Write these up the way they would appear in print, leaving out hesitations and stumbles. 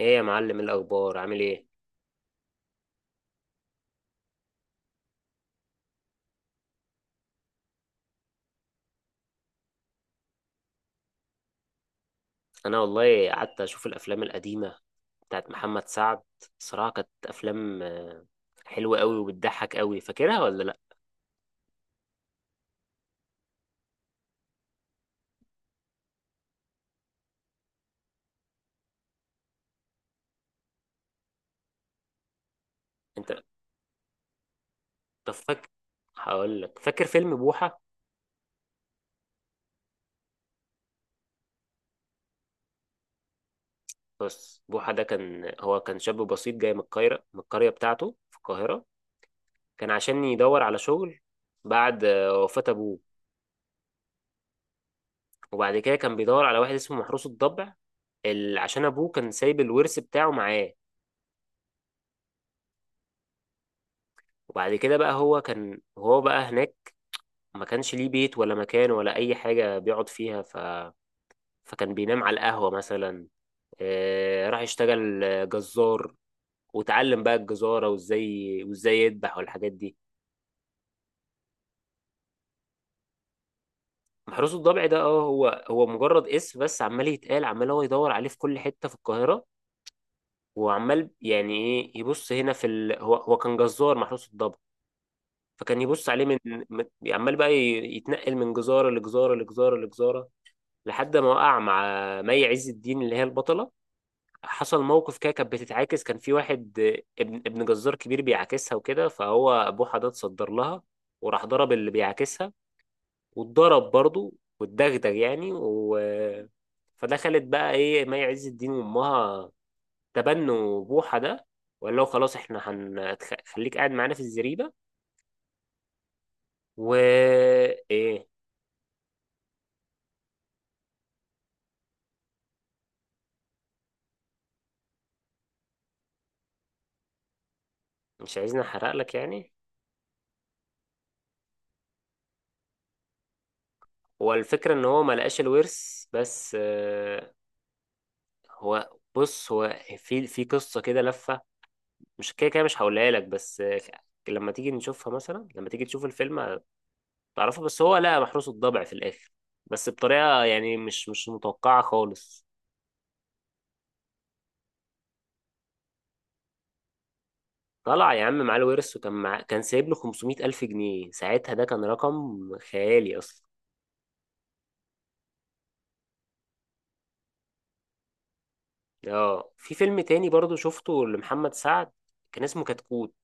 ايه يا معلم، إيه الاخبار، عامل ايه؟ انا والله قعدت اشوف الافلام القديمه بتاعت محمد سعد. صراحه كانت افلام حلوه قوي وبتضحك قوي. فاكرها ولا لا؟ انت طب، فاكر؟ هقول لك، فاكر فيلم بوحه؟ بص، بوحه ده كان هو كان شاب بسيط جاي من القريه بتاعته في القاهره. كان عشان يدور على شغل بعد وفاه ابوه. وبعد كده كان بيدور على واحد اسمه محروس الضبع، عشان ابوه كان سايب الورث بتاعه معاه. وبعد كده بقى هو كان هو بقى هناك، ما كانش ليه بيت ولا مكان ولا اي حاجه بيقعد فيها. فكان بينام على القهوه مثلا. راح يشتغل جزار، وتعلم بقى الجزاره، وازاي يذبح والحاجات دي. محروس الضبع ده، هو مجرد اسم، بس عمال يتقال، عمال هو يدور عليه في كل حته في القاهره. وعمال يعني ايه يبص هنا في. هو كان جزار محروس الضبع، فكان يبص عليه من- عمال بقى يتنقل من جزاره لجزاره لجزاره لجزاره لحد ما وقع مع مي عز الدين اللي هي البطله. حصل موقف كده، كانت بتتعاكس، كان في واحد ابن جزار كبير بيعاكسها وكده، فهو ابوه حد اتصدر لها، وراح ضرب اللي بيعاكسها، واتضرب برضه، واتدغدغ يعني. فدخلت بقى ايه مي عز الدين وامها تبنوا بوحة ده، وقال له خلاص احنا هنخليك قاعد معانا في الزريبة و ايه؟ مش عايزني احرق لك يعني. هو الفكرة ان هو ما لقاش الورث، بس هو بص، هو في قصة كده لفة مش كده كده، مش هقولها لك، بس لما تيجي تشوف الفيلم تعرفها. بس هو لا، محروس الضبع في الاخر، بس بطريقه يعني مش متوقعه خالص. طلع يا عم معاه الورث، وكان مع... كان سايب له 500 ألف جنيه. ساعتها ده كان رقم خيالي أصلا. اه، في فيلم تاني برضو شفته لمحمد سعد، كان اسمه كتكوت.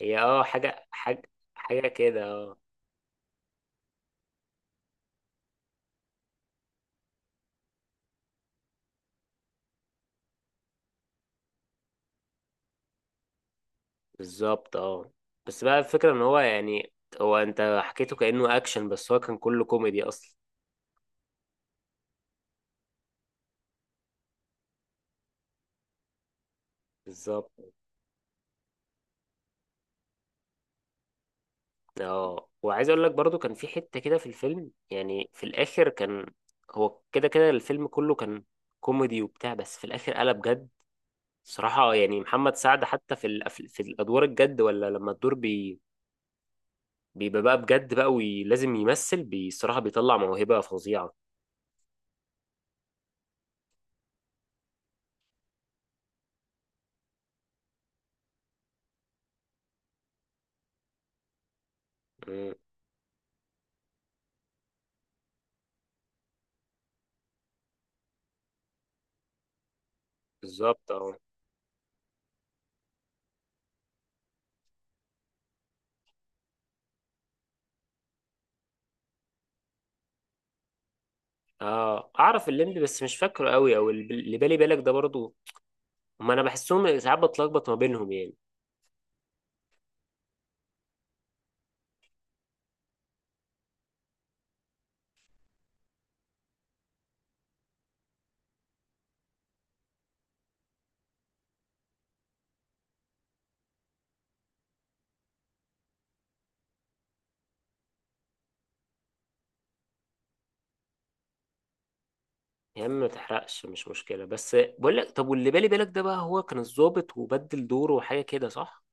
هي اه، حاجة حاجة حاجة كده اه بالظبط، اه. بس بقى الفكرة ان هو يعني، هو انت حكيته كأنه اكشن، بس هو كان كله كوميدي اصلا. بالظبط، اه. وعايز اقول لك برضو، كان في حتة كده في الفيلم يعني في الاخر، كان هو كده كده الفيلم كله كان كوميدي وبتاع، بس في الاخر قلب جد. صراحة يعني محمد سعد حتى في في الادوار الجد، ولا لما الدور بيبقى بقى بجد بقى، ولازم يمثل، بصراحة بيطلع موهبة فظيعة. مم. بالظبط، اه. اه، اعرف الليمبي بس مش فاكره قوي، او اللي بالي بالك ده برضو. هما انا بحسهم ساعات بتلخبط ما بينهم يعني. يا عم ما تحرقش، مش مشكلة، بس بقول لك، طب واللي بالي بالك ده بقى، هو كان الضابط وبدل دوره وحاجة كده، صح؟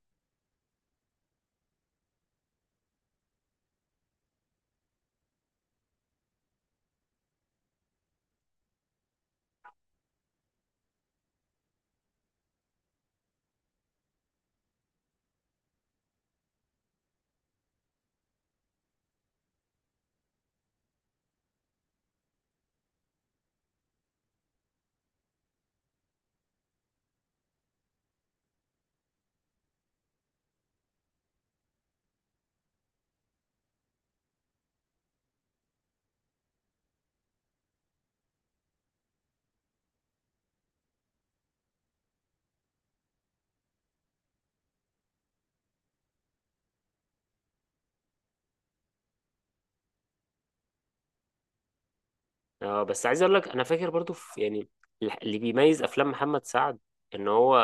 اه، بس عايز اقول لك، انا فاكر برضو في يعني اللي بيميز افلام محمد سعد، ان هو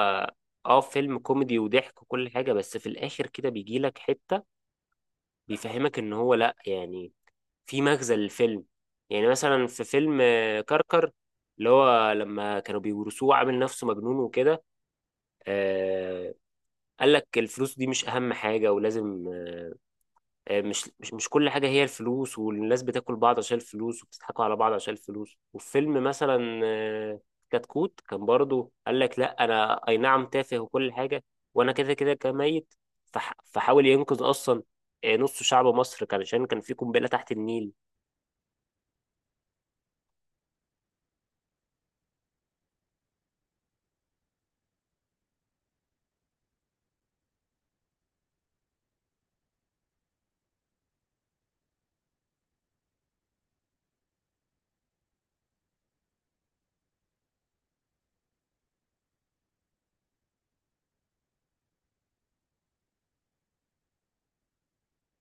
اه فيلم كوميدي وضحك وكل حاجة، بس في الاخر كده بيجي لك حتة بيفهمك ان هو لا يعني في مغزى للفيلم. يعني مثلا في فيلم كركر، اللي هو لما كانوا بيورثوه عامل نفسه مجنون وكده آه قال لك الفلوس دي مش اهم حاجة، ولازم مش مش كل حاجة هي الفلوس، والناس بتاكل بعض عشان الفلوس، وبتضحكوا على بعض عشان الفلوس. وفيلم مثلا كتكوت، كان برضو قال لك لا، انا اي نعم تافه وكل حاجة، وانا كده كده كميت، فحاول ينقذ اصلا نص شعب مصر، كان عشان كان في قنبلة تحت النيل.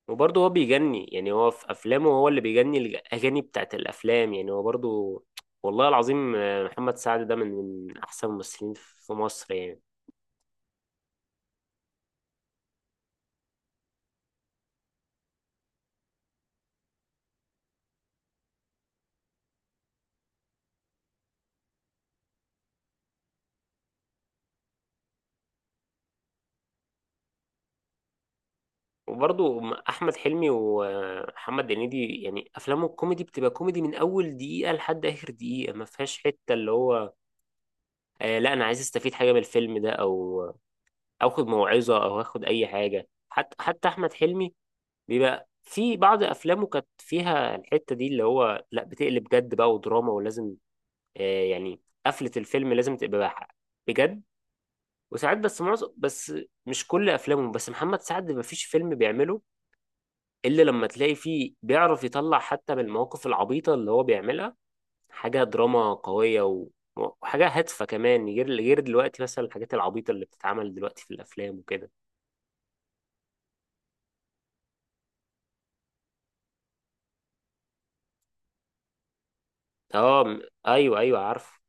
وبرضه هو بيجني، يعني هو في افلامه، هو اللي بيجني الاغاني بتاعت الافلام، يعني هو برضه، والله العظيم محمد سعد ده من احسن الممثلين في مصر يعني. وبرضه احمد حلمي ومحمد هنيدي، يعني افلامه الكوميدي بتبقى كوميدي من اول دقيقه لحد اخر دقيقه، ما فيهاش حته اللي هو لا، انا عايز استفيد حاجه من الفيلم ده، أو اخد موعظه، او اخد اي حاجه. حتى احمد حلمي بيبقى في بعض افلامه كانت فيها الحته دي، اللي هو لا، بتقلب جد بقى ودراما، ولازم يعني قفله الفيلم لازم تبقى بجد. وساعات، بس معظم، بس مش كل افلامه، بس محمد سعد ما فيش فيلم بيعمله الا لما تلاقي فيه بيعرف يطلع حتى من المواقف العبيطه اللي هو بيعملها حاجه دراما قويه، وحاجه هادفه كمان، غير دلوقتي مثلا الحاجات العبيطه اللي بتتعمل دلوقتي في الافلام وكده. اه، ايوه، ايوه، عارف.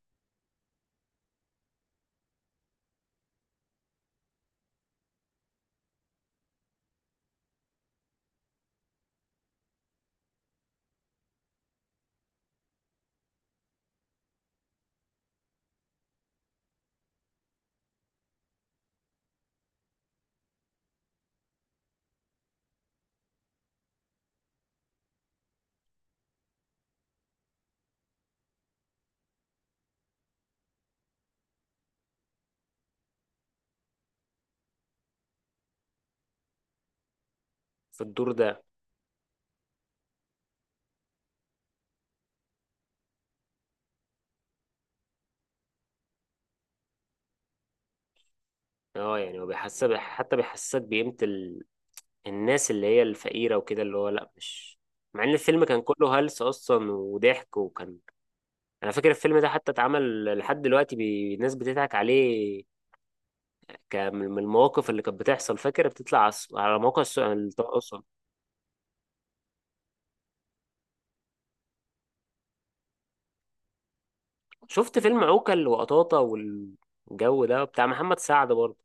في الدور ده. اه يعني هو بيحسب، حتى بيحسسك بقيمه الناس اللي هي الفقيره وكده، اللي هو لا، مش مع ان الفيلم كان كله هلس اصلا وضحك وكان. انا فاكر الفيلم ده حتى اتعمل لحد دلوقتي، الناس بتضحك عليه، كان من المواقف اللي كانت بتحصل. فاكر بتطلع على على موقع التواصل. شفت فيلم عوكل وقطاطة والجو ده بتاع محمد سعد برضه؟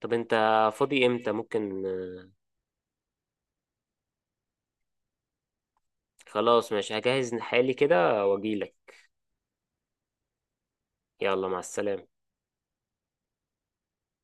طب انت فاضي امتى؟ ممكن. خلاص ماشي، هجهز حالي كده واجيلك. يلا، مع السلامة.